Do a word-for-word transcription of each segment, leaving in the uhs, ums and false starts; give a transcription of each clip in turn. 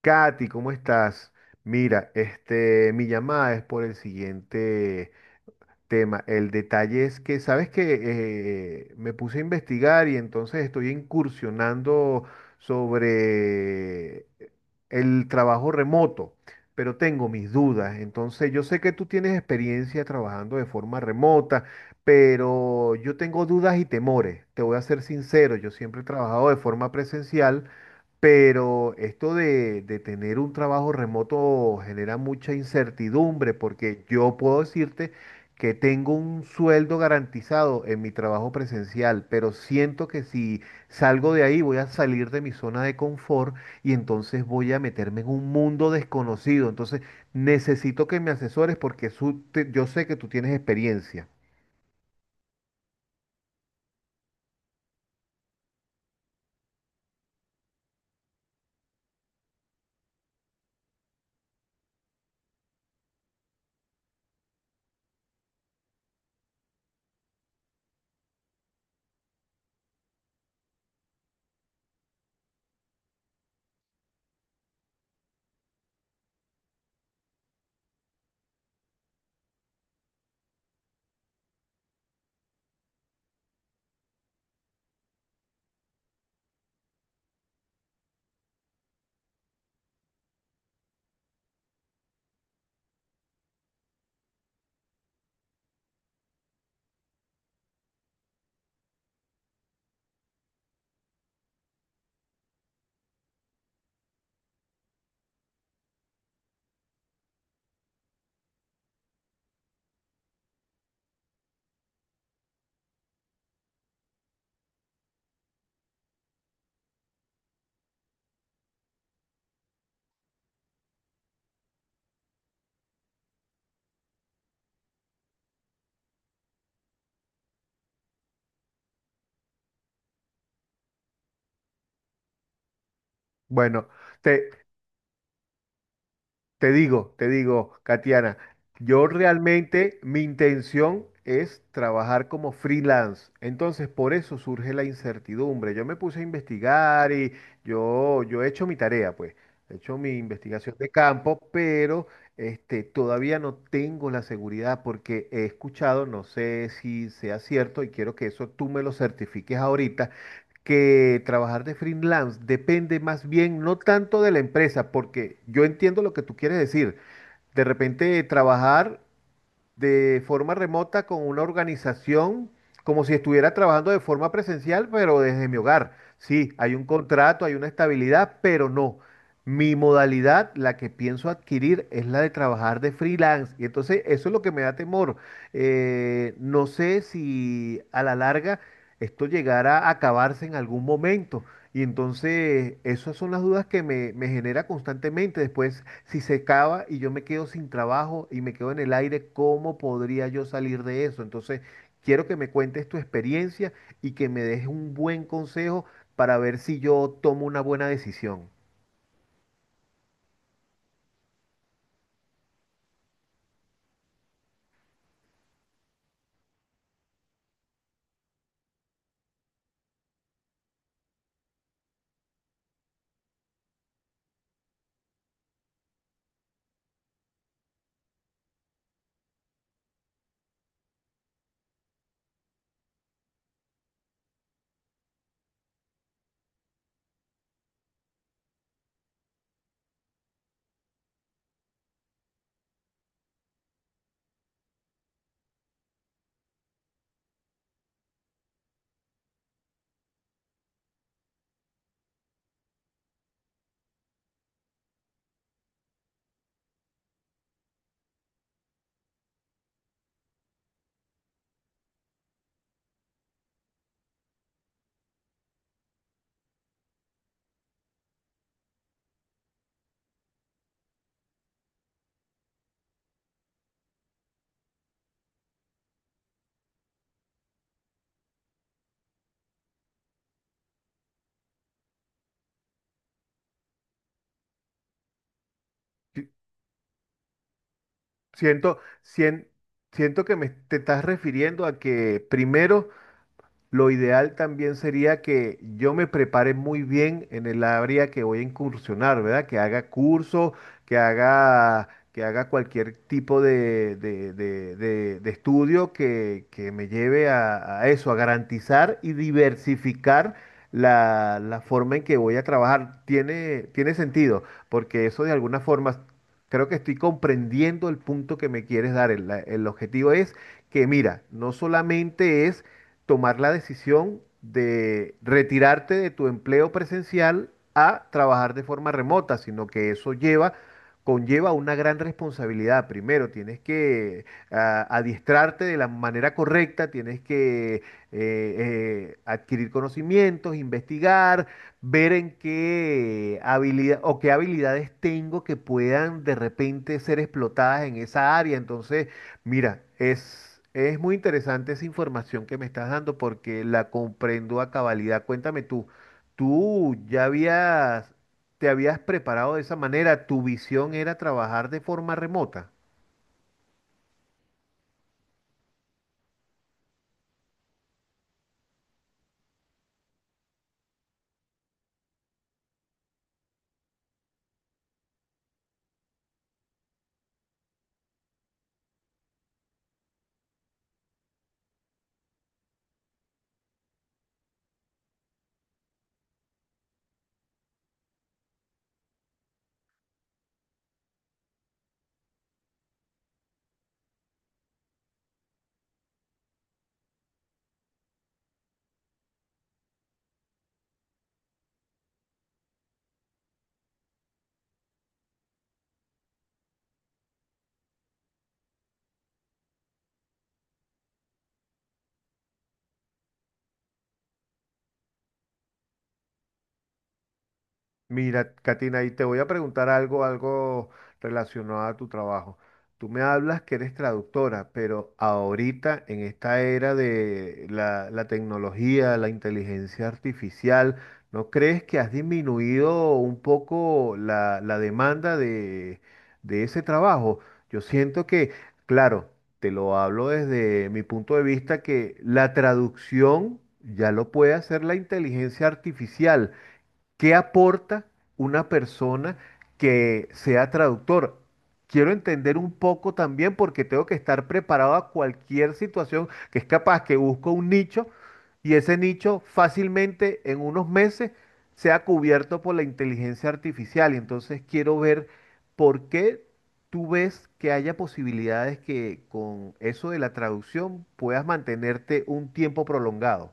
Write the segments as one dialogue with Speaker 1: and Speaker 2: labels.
Speaker 1: Katy, ¿cómo estás? Mira, este, mi llamada es por el siguiente tema. El detalle es que, sabes que me puse a investigar y entonces estoy incursionando sobre el trabajo remoto, pero tengo mis dudas. Entonces, yo sé que tú tienes experiencia trabajando de forma remota, pero yo tengo dudas y temores. Te voy a ser sincero, yo siempre he trabajado de forma presencial. Pero esto de, de tener un trabajo remoto genera mucha incertidumbre porque yo puedo decirte que tengo un sueldo garantizado en mi trabajo presencial, pero siento que si salgo de ahí voy a salir de mi zona de confort y entonces voy a meterme en un mundo desconocido. Entonces necesito que me asesores porque su- te- yo sé que tú tienes experiencia. Bueno, te te digo, te digo, Katiana, yo realmente mi intención es trabajar como freelance. Entonces, por eso surge la incertidumbre. Yo me puse a investigar y yo, yo he hecho mi tarea, pues. He hecho mi investigación de campo, pero este, todavía no tengo la seguridad porque he escuchado, no sé si sea cierto y quiero que eso tú me lo certifiques ahorita que trabajar de freelance depende más bien no tanto de la empresa, porque yo entiendo lo que tú quieres decir. De repente trabajar de forma remota con una organización, como si estuviera trabajando de forma presencial, pero desde mi hogar. Sí, hay un contrato, hay una estabilidad, pero no. Mi modalidad, la que pienso adquirir, es la de trabajar de freelance. Y entonces eso es lo que me da temor. Eh, no sé si a la larga esto llegará a acabarse en algún momento. Y entonces esas son las dudas que me, me genera constantemente. Después si se acaba y yo me quedo sin trabajo y me quedo en el aire, ¿cómo podría yo salir de eso? Entonces, quiero que me cuentes tu experiencia y que me des un buen consejo para ver si yo tomo una buena decisión. Sí, Siento, sien- siento que me te estás refiriendo a que primero lo ideal también sería que yo me prepare muy bien en el área que voy a incursionar, ¿verdad? Que haga curso, que haga, que haga cualquier tipo de, de- de- de- de estudio que, que me lleve a, a eso, a garantizar y diversificar la, la forma en que voy a trabajar. Tiene, tiene sentido, porque eso de alguna forma, creo que estoy comprendiendo el punto que me quieres dar. El la- el objetivo es que, mira, no solamente es tomar la decisión de retirarte de tu empleo presencial a trabajar de forma remota, sino que eso lleva, conlleva una gran responsabilidad. Primero, tienes que ah, adiestrarte de la manera correcta, tienes que eh, eh, adquirir conocimientos, investigar, ver en qué habilidad o qué habilidades tengo que puedan de repente ser explotadas en esa área. Entonces, mira, es, es muy interesante esa información que me estás dando porque la comprendo a cabalidad. Cuéntame tú, ¿tú ya habías, te habías preparado de esa manera? ¿Tu visión era trabajar de forma remota? Mira, Katina, y te voy a preguntar algo, algo relacionado a tu trabajo. Tú me hablas que eres traductora, pero ahorita en esta era de la, la tecnología, la inteligencia artificial, ¿no crees que has disminuido un poco la, la demanda de, de ese trabajo? Yo siento que, claro, te lo hablo desde mi punto de vista, que la traducción ya lo puede hacer la inteligencia artificial. ¿Qué aporta una persona que sea traductor? Quiero entender un poco también porque tengo que estar preparado a cualquier situación que es capaz que busco un nicho y ese nicho fácilmente en unos meses sea cubierto por la inteligencia artificial. Y entonces quiero ver por qué tú ves que haya posibilidades que con eso de la traducción puedas mantenerte un tiempo prolongado.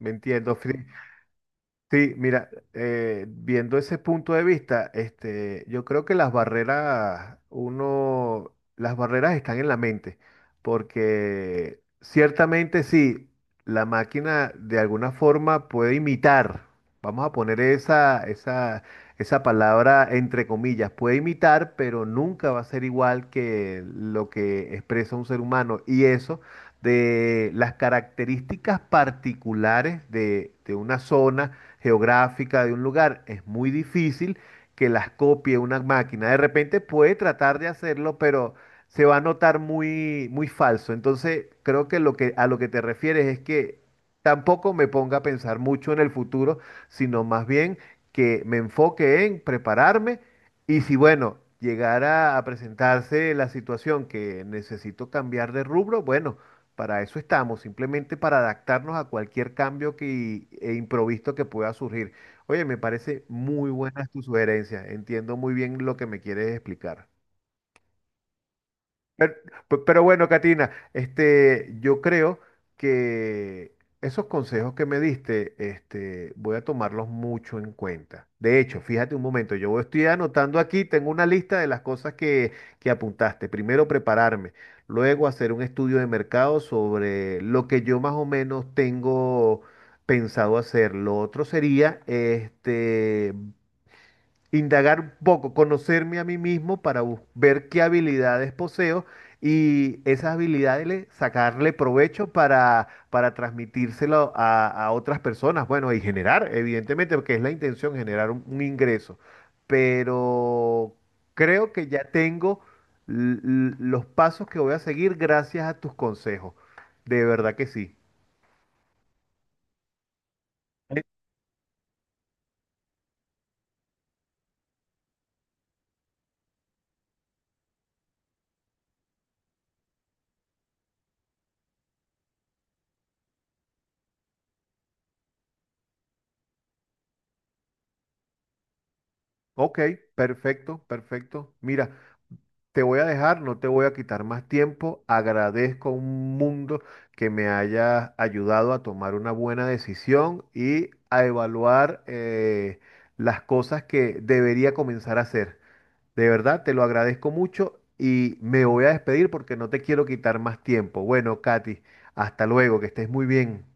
Speaker 1: ¿Me entiendo, Fri? Sí, mira, eh, viendo ese punto de vista, este, yo creo que las barreras, uno, las barreras están en la mente, porque ciertamente sí, la máquina de alguna forma puede imitar, vamos a poner esa, esa, esa palabra entre comillas, puede imitar, pero nunca va a ser igual que lo que expresa un ser humano, y eso de las características particulares de de una zona geográfica de un lugar, es muy difícil que las copie una máquina. De repente puede tratar de hacerlo, pero se va a notar muy, muy falso. Entonces, creo que, lo que a lo que te refieres es que tampoco me ponga a pensar mucho en el futuro, sino más bien que me enfoque en prepararme y si, bueno, llegara a presentarse la situación que necesito cambiar de rubro, bueno, para eso estamos, simplemente para adaptarnos a cualquier cambio que, e improviso que pueda surgir. Oye, me parece muy buena tu sugerencia. Entiendo muy bien lo que me quieres explicar. Pero, pe- pero bueno, Katina, este, yo creo que esos consejos que me diste, este, voy a tomarlos mucho en cuenta. De hecho, fíjate un momento, yo estoy anotando aquí, tengo una lista de las cosas que, que apuntaste. Primero, prepararme, luego hacer un estudio de mercado sobre lo que yo más o menos tengo pensado hacer. Lo otro sería, este, indagar un poco, conocerme a mí mismo para bus- ver qué habilidades poseo y esas habilidades le- sacarle provecho para, para transmitírselo a, a otras personas. Bueno, y generar, evidentemente, porque es la intención, generar un, un ingreso. Pero creo que ya tengo l- l- los pasos que voy a seguir gracias a tus consejos. De verdad que sí. Ok, perfecto, perfecto. Mira. Te voy a dejar, no te voy a quitar más tiempo. Agradezco un mundo que me hayas ayudado a tomar una buena decisión y a evaluar eh, las cosas que debería comenzar a hacer. De verdad, te lo agradezco mucho y me voy a despedir porque no te quiero quitar más tiempo. Bueno, Katy, hasta luego, que estés muy bien.